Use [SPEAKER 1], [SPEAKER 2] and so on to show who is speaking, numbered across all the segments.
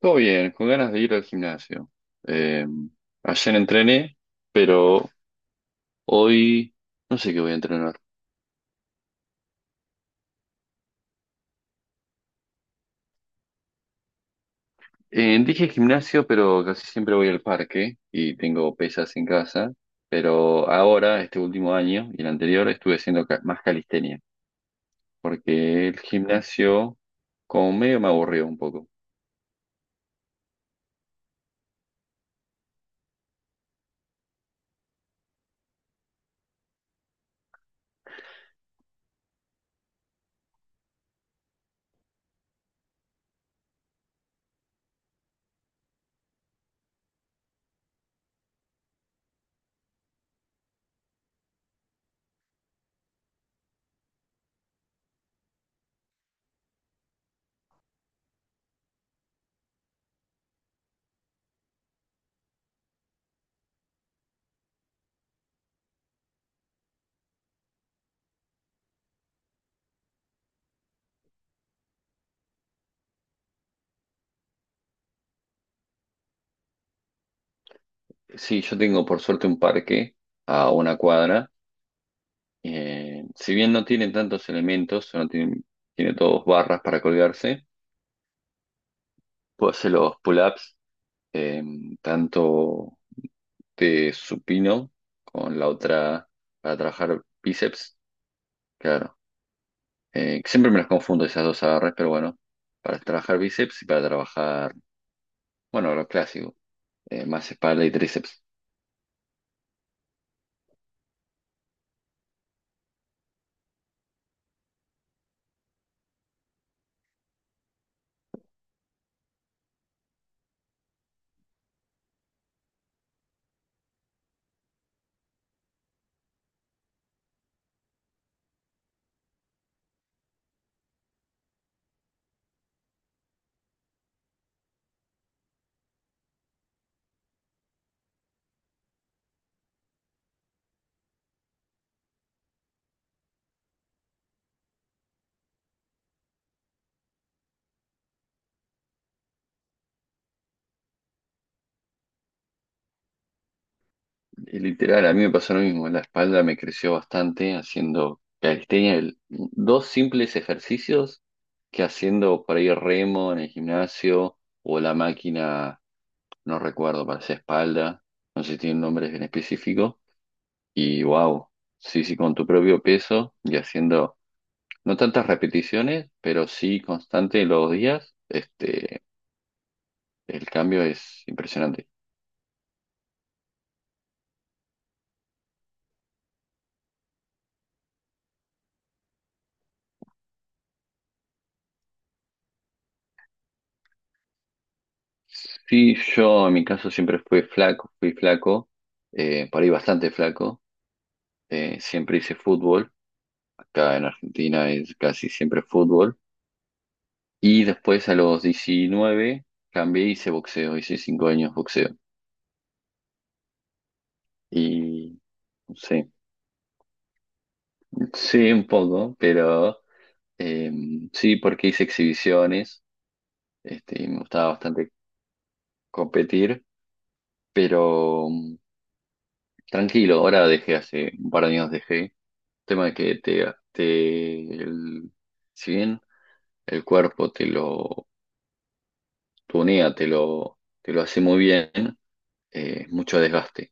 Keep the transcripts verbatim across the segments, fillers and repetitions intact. [SPEAKER 1] Todo bien, con ganas de ir al gimnasio. Eh, Ayer entrené, pero hoy no sé qué voy a entrenar. Eh, dije gimnasio, pero casi siempre voy al parque y tengo pesas en casa. Pero ahora, este último año y el anterior, estuve haciendo ca- más calistenia, porque el gimnasio como medio me aburrió un poco. Sí, yo tengo por suerte un parque a una cuadra. Eh, si bien no tiene tantos elementos, no tiene, tiene todos barras para colgarse. Puedo hacer los pull-ups, eh, tanto de supino con la otra para trabajar bíceps, claro. Eh, siempre me las confundo esas dos agarres, pero bueno, para trabajar bíceps y para trabajar, bueno, lo clásico, eh, más espalda y tríceps. Y literal, a mí me pasó lo mismo, la espalda me creció bastante haciendo calistenia, el- dos simples ejercicios que haciendo por ahí remo en el gimnasio o la máquina no recuerdo, parecía espalda, no sé si tiene un nombre en específico. Y wow, sí, sí, con tu propio peso y haciendo no tantas repeticiones, pero sí constante los días, este, el cambio es impresionante. Sí, yo en mi caso siempre fui flaco, fui flaco, eh, por ahí bastante flaco, eh, siempre hice fútbol, acá en Argentina es casi siempre fútbol, y después a los diecinueve cambié, y hice boxeo, hice cinco años boxeo, y sí. Sí, un poco, pero eh, sí, porque hice exhibiciones, este, y me gustaba bastante competir, pero mm, tranquilo, ahora dejé hace un par de años dejé. Tema de que te, te el- si bien el cuerpo te lo tunea, te lo, te lo hace muy bien, eh, mucho desgaste.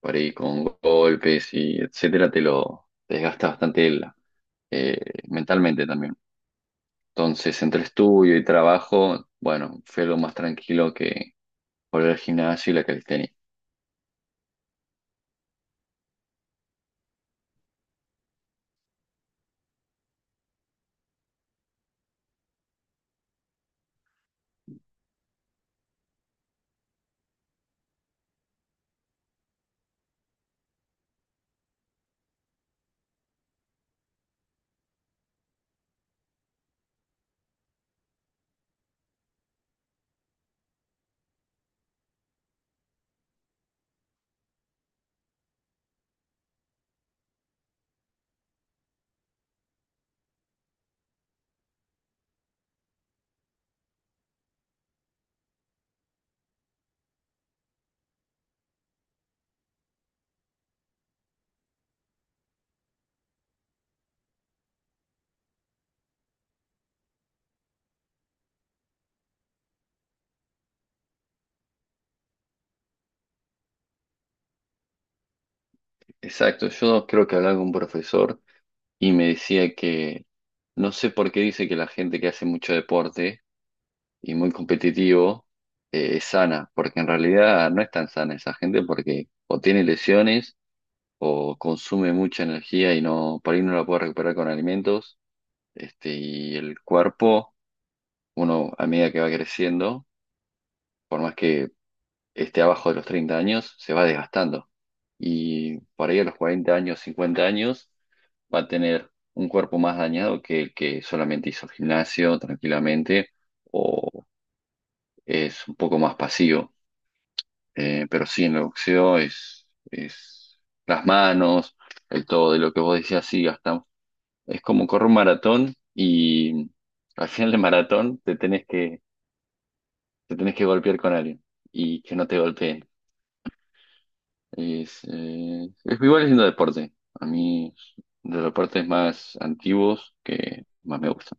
[SPEAKER 1] Por ahí con golpes y etcétera, te lo desgasta bastante el- eh, mentalmente también. Entonces, entre estudio y trabajo, bueno, fue lo más tranquilo que volver al gimnasio y la calistenia. Exacto, yo creo que hablaba con un profesor y me decía que no sé por qué dice que la gente que hace mucho deporte y muy competitivo eh, es sana, porque en realidad no es tan sana esa gente porque o tiene lesiones o consume mucha energía y no, por ahí no la puede recuperar con alimentos, este, y el cuerpo, uno a medida que va creciendo, por más que esté abajo de los treinta años, se va desgastando. Y por ahí a los cuarenta años, cincuenta años, va a tener un cuerpo más dañado que el que solamente hizo gimnasio tranquilamente o es un poco más pasivo. Eh, pero sí, en el boxeo es, es las manos, el todo de lo que vos decías, sí, gastamos. Es como correr un maratón y al final del maratón te tenés que, te tenés que golpear con alguien y que no te golpeen. Es, eh, es igual haciendo deporte. A mí de los deportes más antiguos que más me gustan.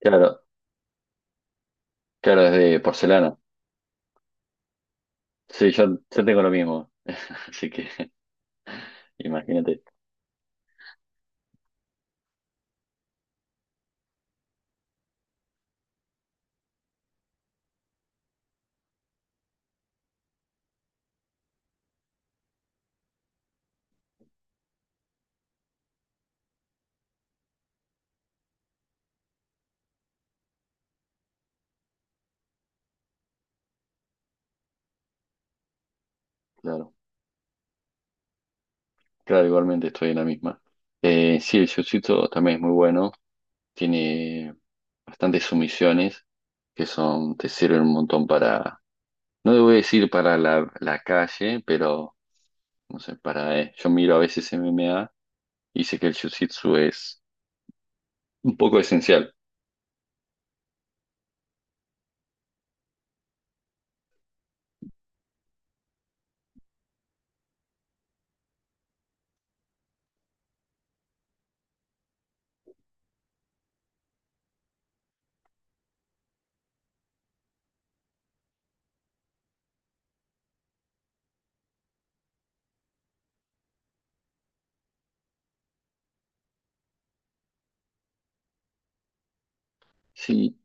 [SPEAKER 1] Claro, claro, es de porcelana. Sí, yo, yo tengo lo mismo. Así que imagínate. Claro, claro, igualmente estoy en la misma. Eh, sí, el jiu-jitsu también es muy bueno. Tiene bastantes sumisiones que son, te sirven un montón para, no debo decir para la, la calle, pero no sé, para, eh, yo miro a veces M M A y sé que el jiu-jitsu es un poco esencial. Sí,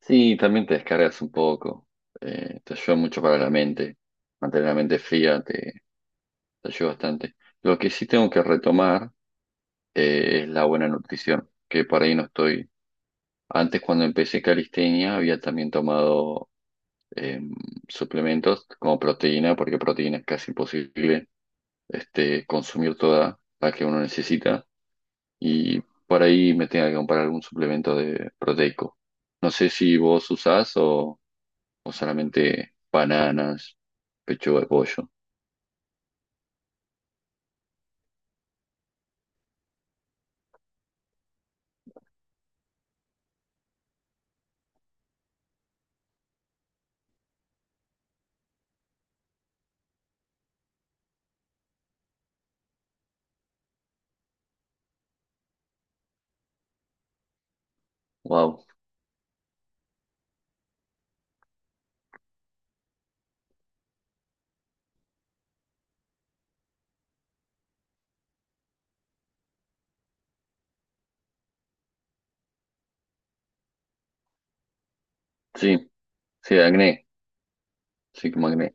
[SPEAKER 1] sí, también te descargas un poco. Eh, te ayuda mucho para la mente. Mantener la mente fría te, te ayuda bastante. Lo que sí tengo que retomar eh, es la buena nutrición, que por ahí no estoy. Antes, cuando empecé calistenia, había también tomado eh, suplementos como proteína, porque proteína es casi imposible este, consumir toda la que uno necesita. Y por ahí me tenga que comprar algún suplemento de proteico. No sé si vos usás o, o solamente bananas, pechuga de pollo. Wow. Sí, sí, acné. Sí, como acné.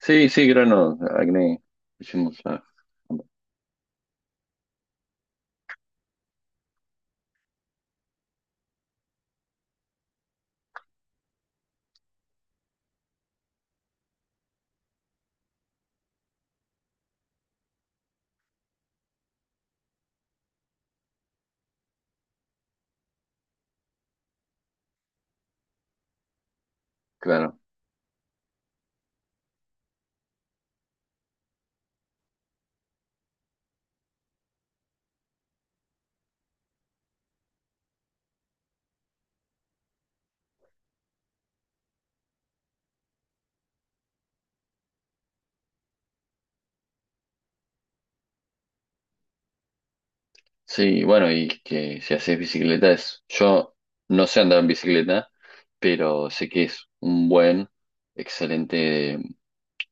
[SPEAKER 1] Sí, sí, granos, acné. Hicimos, ah, claro. Sí, bueno, y que si haces bicicleta es... Yo no sé andar en bicicleta, pero sé que es un buen, excelente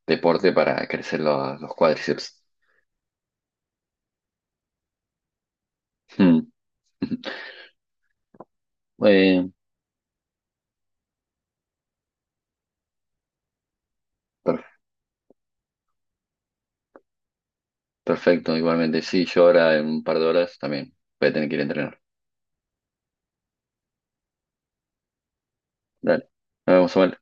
[SPEAKER 1] deporte para crecer los, los cuádriceps. Eh, per- Perfecto, igualmente. Sí, yo ahora en un par de horas también voy a tener que ir a entrenar. Dale. Nos vemos, Samuel.